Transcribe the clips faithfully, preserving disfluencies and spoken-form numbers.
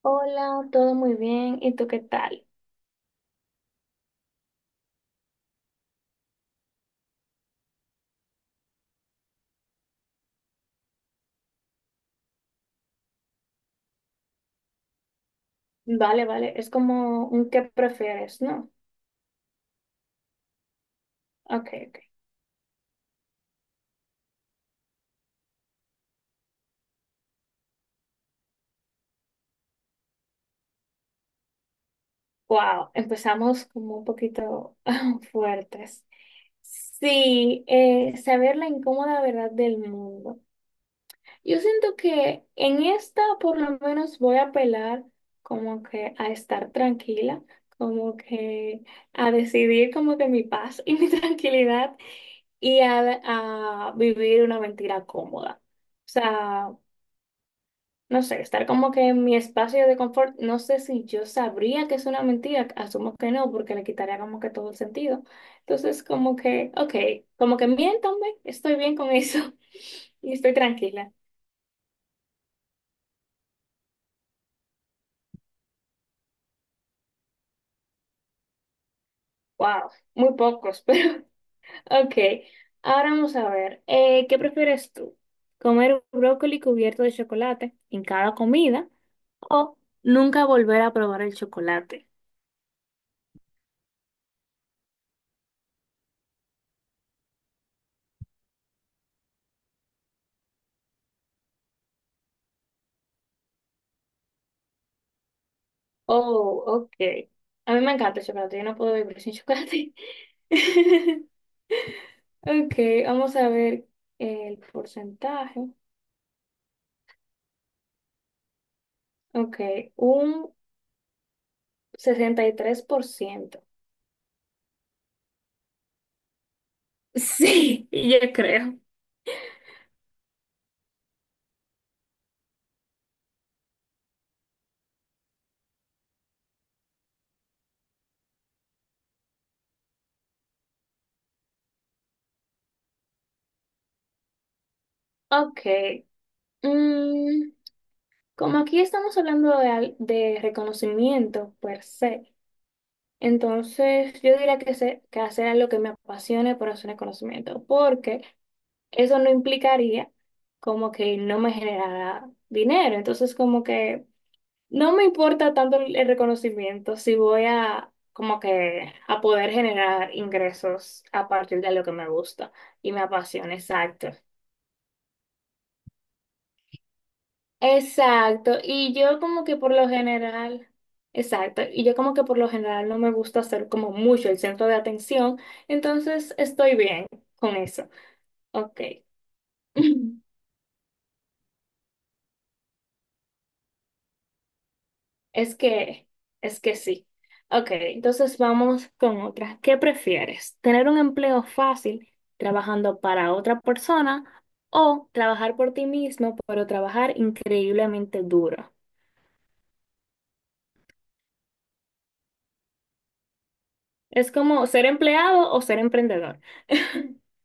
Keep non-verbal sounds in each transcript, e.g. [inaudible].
Hola, todo muy bien. ¿Y tú qué tal? Vale, vale. Es como un qué prefieres, ¿no? Ok, ok. Wow, empezamos como un poquito [laughs] fuertes. Sí, eh, saber la incómoda verdad del mundo. Yo siento que en esta por lo menos voy a apelar como que a estar tranquila, como que a decidir como que mi paz y mi [laughs] tranquilidad y a a vivir una mentira cómoda. O sea, no sé, estar como que en mi espacio de confort, no sé si yo sabría que es una mentira, asumo que no, porque le quitaría como que todo el sentido. Entonces, como que, ok, como que miéntame, estoy bien con eso [laughs] y estoy tranquila. Wow, muy pocos, [laughs] pero ok. Ahora vamos a ver, eh, ¿qué prefieres tú? ¿Comer un brócoli cubierto de chocolate en cada comida o nunca volver a probar el chocolate? Oh, ok. A mí me encanta el chocolate, yo no puedo vivir sin chocolate. [laughs] Ok, vamos a ver el porcentaje. Ok, un sesenta y tres por ciento. Sí, yo creo. Ok. mm, Como aquí estamos hablando de, al- de reconocimiento per se, entonces yo diría que, se, que hacer lo que me apasione por hacer reconocimiento, porque eso no implicaría como que no me generara dinero. Entonces, como que no me importa tanto el el reconocimiento si voy a como que a poder generar ingresos a partir de lo que me gusta y me apasiona, exacto. Exacto, y yo como que por lo general, exacto, y yo como que por lo general no me gusta ser como mucho el centro de atención, entonces estoy bien con eso. Ok. [laughs] Es que, es que sí. Ok, entonces vamos con otra. ¿Qué prefieres? ¿Tener un empleo fácil trabajando para otra persona o trabajar por ti mismo, pero trabajar increíblemente duro? Es como ser empleado o ser emprendedor. [laughs] [clears throat]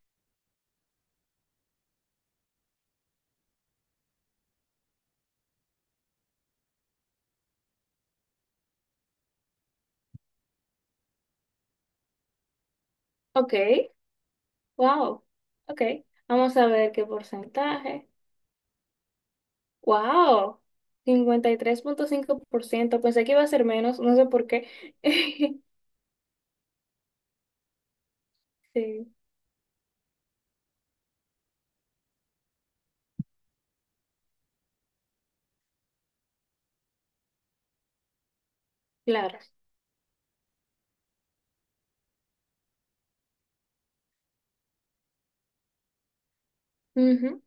Ok, wow. Ok, vamos a ver qué porcentaje. Wow, cincuenta y tres punto cinco por ciento. Pensé que iba a ser menos, no sé por qué. [laughs] Sí, claro. Ujú.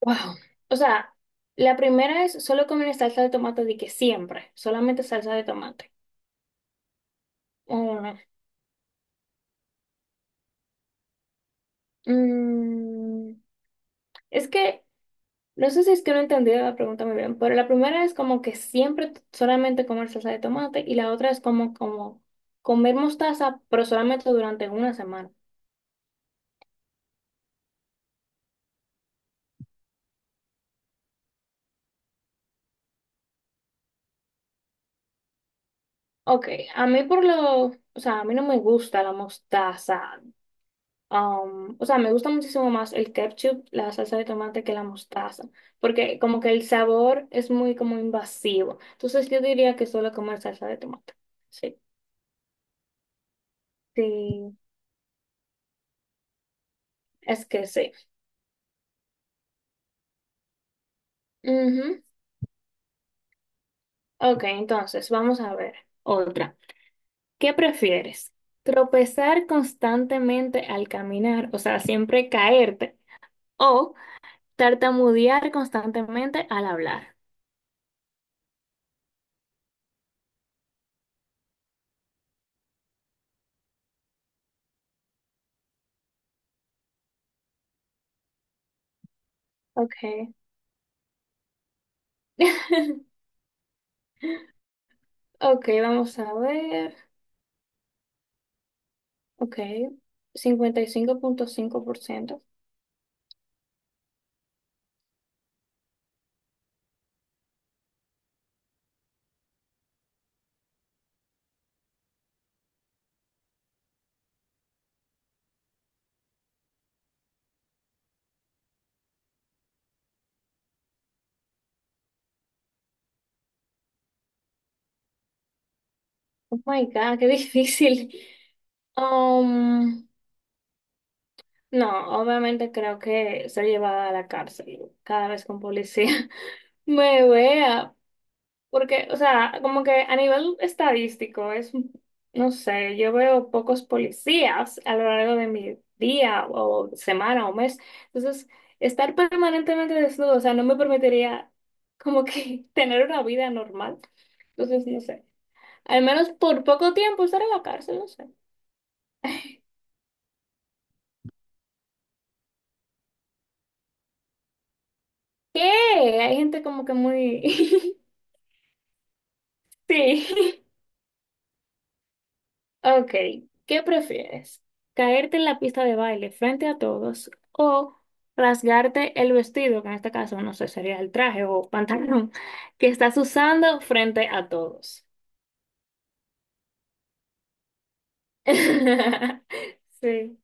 Wow. O sea, la primera es solo comer salsa de tomate de que siempre, solamente salsa de tomate. Oh, no. Mm, es que, no sé si es que no entendí la pregunta muy bien, pero la primera es como que siempre t- solamente comer salsa de tomate y la otra es como, como comer mostaza, pero solamente durante una semana. Ok, a mí por lo, o sea, a mí no me gusta la mostaza. Um, o sea, me gusta muchísimo más el ketchup, la salsa de tomate que la mostaza, porque como que el sabor es muy como invasivo. Entonces yo diría que solo comer salsa de tomate. Sí, sí, es que sí. Ujú. Ok, entonces vamos a ver otra. ¿Qué prefieres? ¿Tropezar constantemente al caminar, o sea, siempre caerte, o tartamudear constantemente al hablar? Ok. [laughs] Ok, vamos a ver. Ok, cincuenta y cinco punto cinco por ciento. Oh my God, qué [laughs] difícil. Um, no, obviamente creo que ser llevada a la cárcel cada vez con policía [laughs] me vea. Porque, o sea, como que a nivel estadístico es, no sé, yo veo pocos policías a lo largo de mi día o semana o mes. Entonces, estar permanentemente desnudo, o sea, no me permitiría como que [laughs] tener una vida normal. Entonces, no sé. Al menos por poco tiempo estar en la cárcel, no sé. ¿Qué? Hay gente como que muy... [laughs] Sí. Ok, ¿qué prefieres? ¿Caerte en la pista de baile frente a todos o rasgarte el vestido, que en este caso no sé, sería el traje o pantalón, [laughs] que estás usando frente a todos? [laughs] Sí,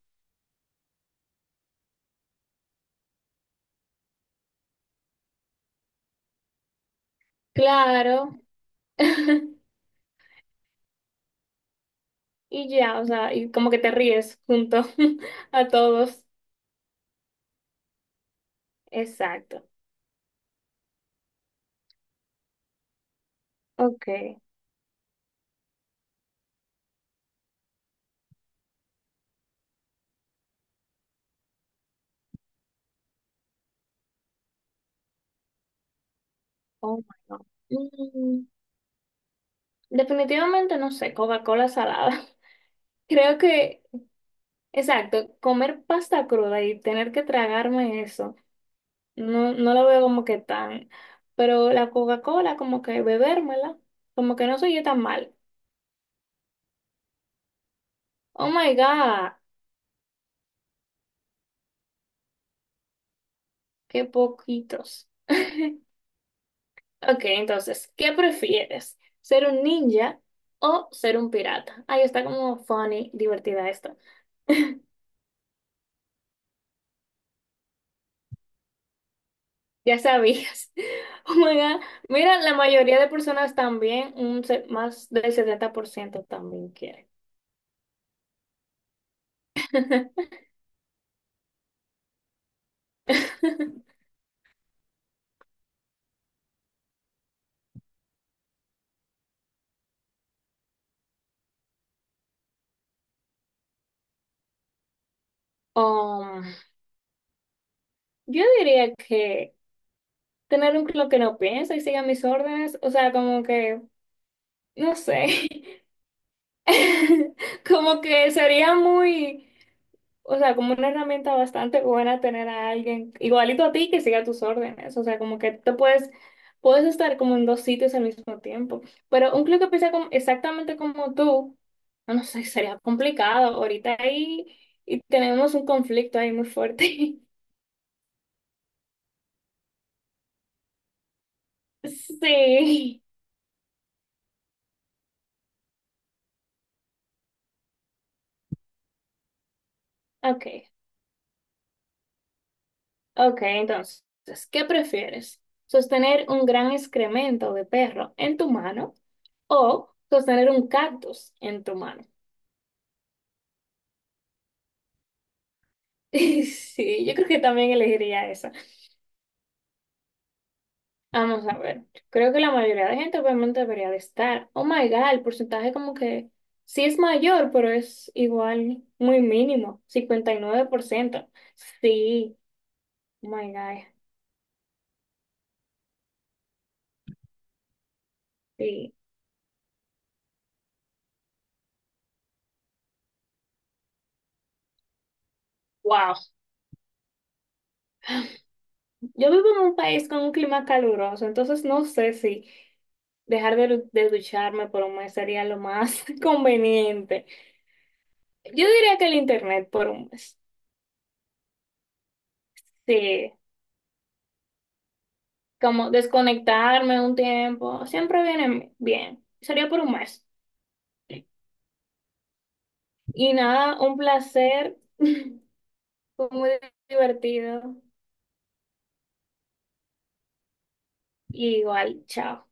claro. [laughs] Y ya, o sea, y como que te ríes junto [laughs] a todos. Exacto. Ok. Oh my God. Mm, Definitivamente no sé, Coca-Cola salada. [laughs] Creo que exacto, comer pasta cruda y tener que tragarme eso, no, no lo veo como que tan, pero la Coca-Cola como que bebérmela, como que no soy yo tan mal. Oh my God, qué poquitos. Ok, entonces, ¿qué prefieres? ¿Ser un ninja o ser un pirata? Ahí está como funny, divertida esto. Ya sabías. [laughs] Oh my God, mira, la mayoría de personas también, un, se- más del setenta por ciento también quiere. [laughs] Um, Yo diría que tener un club que no piensa y siga mis órdenes, o sea, como que, no sé, [laughs] como que sería muy, o sea, como una herramienta bastante buena tener a alguien igualito a ti que siga tus órdenes, o sea, como que te puedes, puedes estar como en dos sitios al mismo tiempo, pero un club que piensa como- exactamente como tú, no sé, sería complicado ahorita ahí y tenemos un conflicto ahí muy fuerte. [laughs] Sí, ok. Ok, entonces, ¿qué prefieres? ¿Sostener un gran excremento de perro en tu mano o sostener un cactus en tu mano? [laughs] Sí, yo creo que también elegiría esa. Vamos a ver. Creo que la mayoría de gente obviamente debería de estar. Oh my God, el porcentaje como que sí es mayor, pero es igual muy mínimo, cincuenta y nueve por ciento. Sí, oh my God, sí. Wow, yo vivo en un país con un clima caluroso, entonces no sé si dejar de, lu- de ducharme por un mes sería lo más [laughs] conveniente. Yo diría que el internet por un mes. Sí, como desconectarme un tiempo, siempre viene bien. Sería por un mes. Y nada, un placer. [laughs] Fue muy divertido. Y igual, chao.